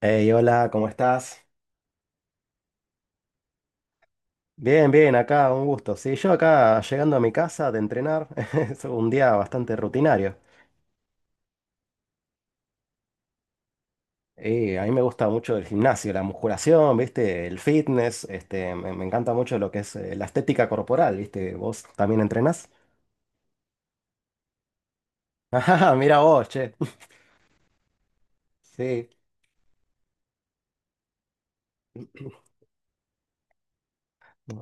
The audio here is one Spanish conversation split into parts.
Hey, hola, ¿cómo estás? Bien, bien, acá, un gusto. Sí, yo acá llegando a mi casa de entrenar, es un día bastante rutinario. Y a mí me gusta mucho el gimnasio, la musculación, ¿viste? El fitness, este, me encanta mucho lo que es la estética corporal, ¿viste? ¿Vos también entrenás? Ajá, mira vos, che. Sí.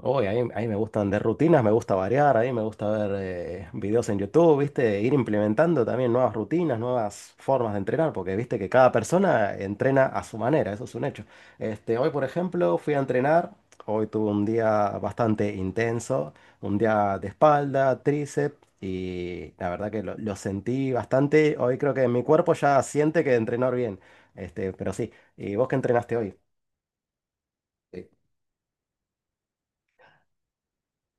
Uy, a mí me gusta vender rutinas, me gusta variar, a mí me gusta ver videos en YouTube, ¿viste? Ir implementando también nuevas rutinas, nuevas formas de entrenar, porque viste que cada persona entrena a su manera, eso es un hecho. Este, hoy, por ejemplo, fui a entrenar, hoy tuve un día bastante intenso, un día de espalda, tríceps, y la verdad que lo sentí bastante, hoy creo que mi cuerpo ya siente que entrenar bien, este, pero sí, ¿y vos qué entrenaste hoy?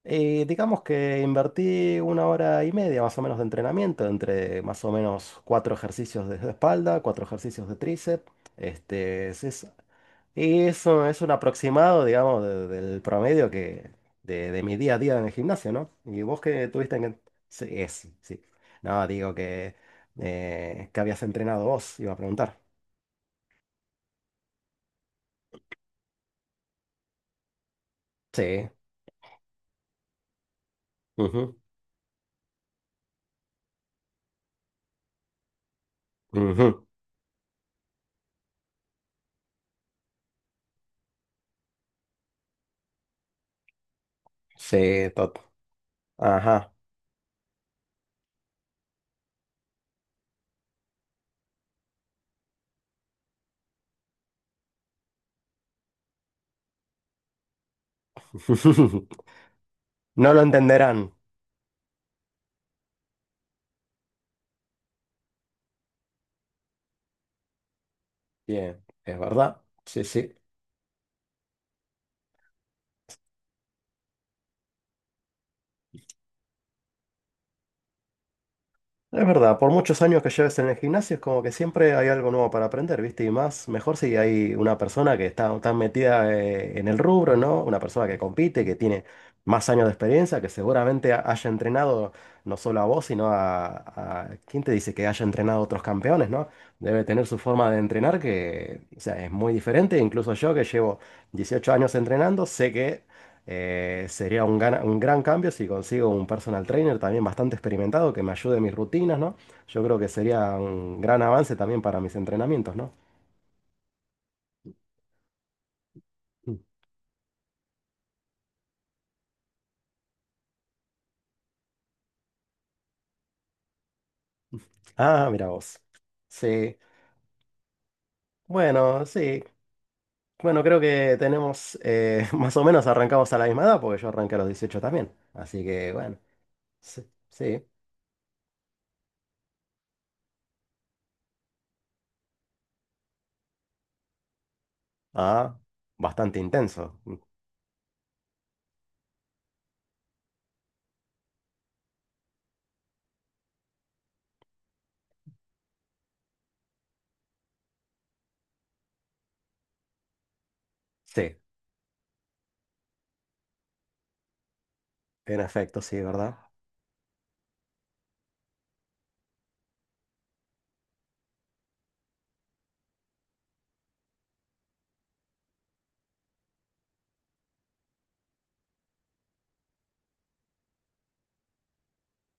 Y digamos que invertí 1 hora y media más o menos de entrenamiento, entre más o menos 4 ejercicios de espalda, 4 ejercicios de tríceps. Este, y eso es un aproximado, digamos, del promedio que, de mi día a día en el gimnasio, ¿no? Y vos que tuviste que... Sí, es, sí. No, digo que habías entrenado vos, iba a preguntar. Sí. Ujú, ujú. Sí, tot. Ajá. No lo entenderán. Bien, es verdad. Sí, sí. Es verdad, por muchos años que lleves en el gimnasio es como que siempre hay algo nuevo para aprender, ¿viste? Y más, mejor si hay una persona que está tan metida en el rubro, ¿no? Una persona que compite, que tiene más años de experiencia, que seguramente haya entrenado no solo a vos, sino a... ¿Quién te dice que haya entrenado a otros campeones, ¿no? Debe tener su forma de entrenar que, o sea, es muy diferente. Incluso yo que llevo 18 años entrenando, sé que sería un, un gran cambio si consigo un personal trainer también bastante experimentado que me ayude en mis rutinas, ¿no? Yo creo que sería un gran avance también para mis entrenamientos, ¿no? Mm. Ah, mira vos. Sí, bueno, sí. Bueno, creo que tenemos, más o menos arrancamos a la misma edad, porque yo arranqué a los 18 también. Así que, bueno, sí, sí. Ah, bastante intenso. Mm. Sí, en efecto, sí, ¿verdad?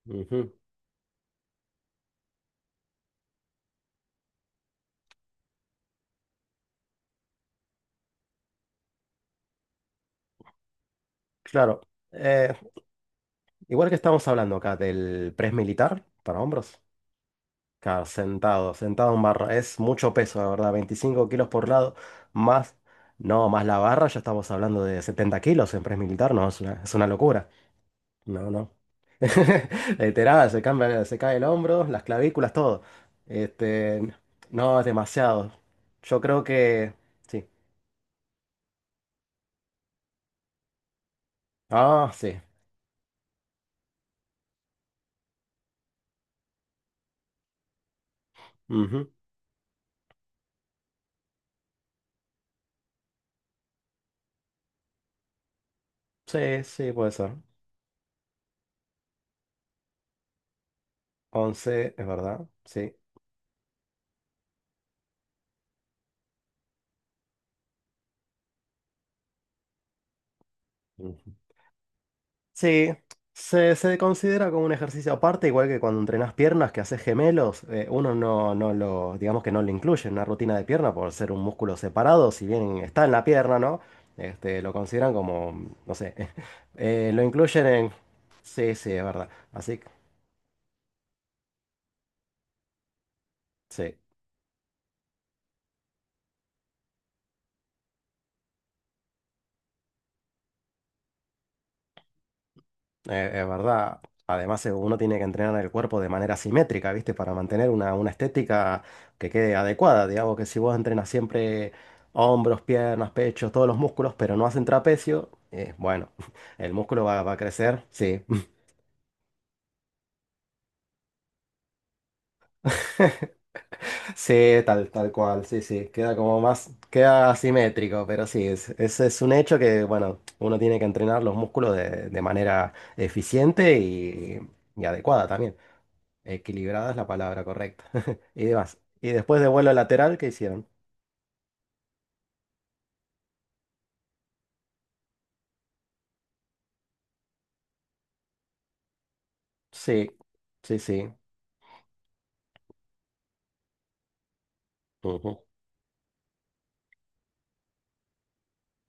Ujú. Claro. Eh, igual que estamos hablando acá del press militar para hombros, acá sentado, sentado en barra, es mucho peso, la verdad, 25 kilos por lado, más, no, más la barra, ya estamos hablando de 70 kilos en press militar, no, es una locura, no, no. Literal, se cambia, se cae el hombro, las clavículas, todo. Este, no, es demasiado. Yo creo que, sí. Ah, sí. Ujú. Sí, sí, puede ser. 11 es verdad, sí. Sí, se considera como un ejercicio aparte, igual que cuando entrenas piernas, que haces gemelos, uno no, no lo, digamos que no lo incluye en una rutina de pierna por ser un músculo separado, si bien está en la pierna, ¿no? Este, lo consideran como, no sé, lo incluyen en... Sí, sí, es verdad. Así que, sí. Es verdad. Además, uno tiene que entrenar el cuerpo de manera simétrica, ¿viste? Para mantener una estética que quede adecuada. Digamos que si vos entrenas siempre hombros, piernas, pechos, todos los músculos, pero no hacen trapecio, bueno, el músculo va, va a crecer. Sí, sí, tal, tal cual, sí, sí. Queda como más, queda asimétrico, pero sí, es, ese es un hecho que, bueno, uno tiene que entrenar los músculos de manera eficiente y adecuada también. Equilibrada es la palabra correcta. Y demás. Y después de vuelo lateral, ¿qué hicieron? Sí, sí, sí. Ujú,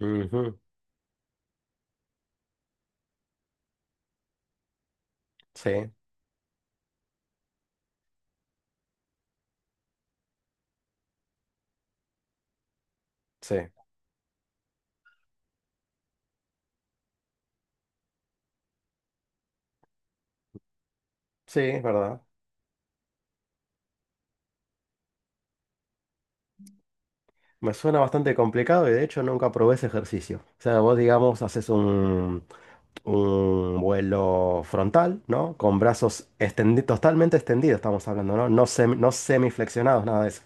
ujú. Sí, sí, sí, es verdad. Me suena bastante complicado y de hecho nunca probé ese ejercicio. O sea, vos digamos, haces un vuelo frontal, ¿no? Con brazos totalmente extendidos, estamos hablando, ¿no? No, no semiflexionados, nada de eso.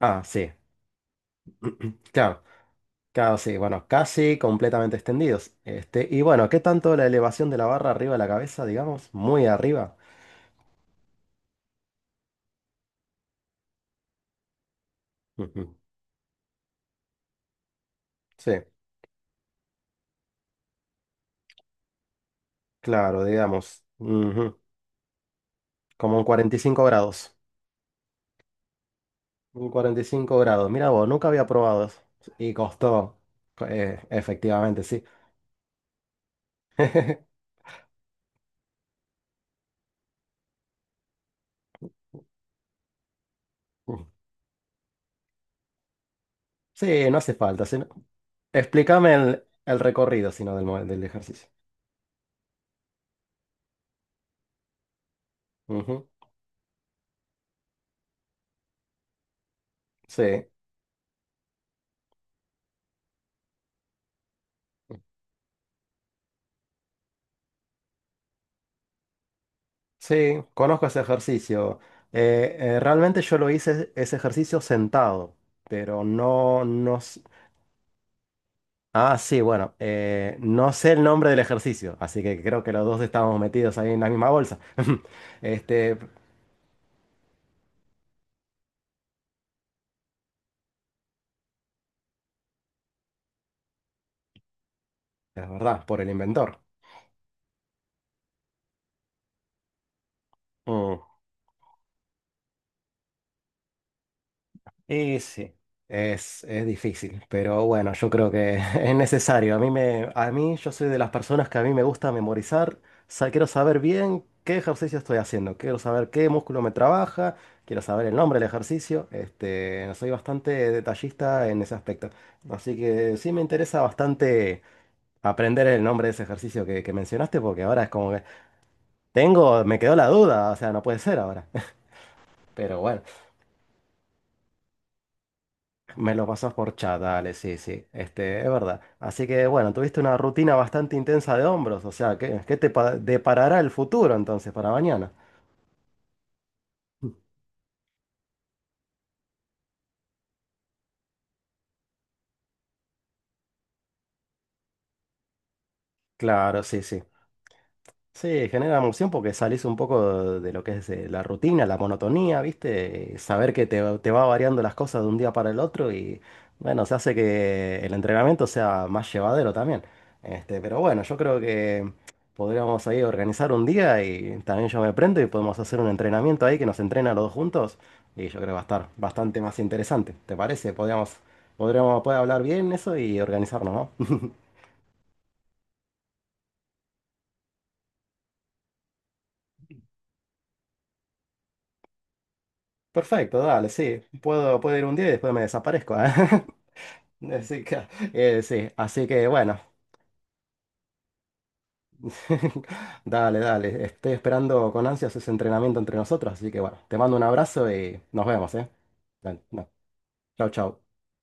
Ah, sí. Claro. Casi bueno, casi completamente extendidos. Este, y bueno, ¿qué tanto la elevación de la barra arriba de la cabeza, digamos? Muy arriba. Ujú. Sí, claro, digamos. Ujú. Como un 45 grados. Un 45 grados. Mira vos, nunca había probado eso. Y costó. Efectivamente, sí. Sí, no hace falta. Si Explícame el recorrido, sino del ejercicio. Ujú. Sí. Sí, conozco ese ejercicio. Realmente yo lo hice ese ejercicio sentado, pero no, no... Ah, sí, bueno, no sé el nombre del ejercicio, así que creo que los dos estábamos metidos ahí en la misma bolsa. Este, es verdad, por el inventor. Mm. Y sí, es difícil, pero bueno, yo creo que es necesario. A mí me, a mí yo soy de las personas que a mí me gusta memorizar. Quiero saber bien qué ejercicio estoy haciendo, quiero saber qué músculo me trabaja, quiero saber el nombre del ejercicio. Este, soy bastante detallista en ese aspecto. Así que sí me interesa bastante aprender el nombre de ese ejercicio que mencionaste, porque ahora es como que tengo, me quedó la duda, o sea, no puede ser ahora. Pero bueno. Me lo pasas por chat, dale, sí, sí, este, es verdad. Así que bueno, tuviste una rutina bastante intensa de hombros, o sea, ¿qué, qué te deparará el futuro entonces para mañana? Claro, sí, sí. Sí, genera emoción porque salís un poco de lo que es la rutina, la monotonía, ¿viste? Saber que te, te va variando las cosas de un día para el otro y bueno, se hace que el entrenamiento sea más llevadero también. Este, pero bueno, yo creo que podríamos ahí organizar un día y también yo me prendo y podemos hacer un entrenamiento ahí que nos entrena los dos juntos y yo creo que va a estar bastante más interesante. ¿Te parece? Podríamos, podríamos poder hablar bien eso y organizarnos, ¿no? Perfecto, dale, sí. Puedo, puedo ir un día y después me desaparezco, ¿eh? Así que, sí, así que bueno. Dale, dale. Estoy esperando con ansias ese entrenamiento entre nosotros. Así que bueno, te mando un abrazo y nos vemos, ¿eh? Dale, no. Chau, chau.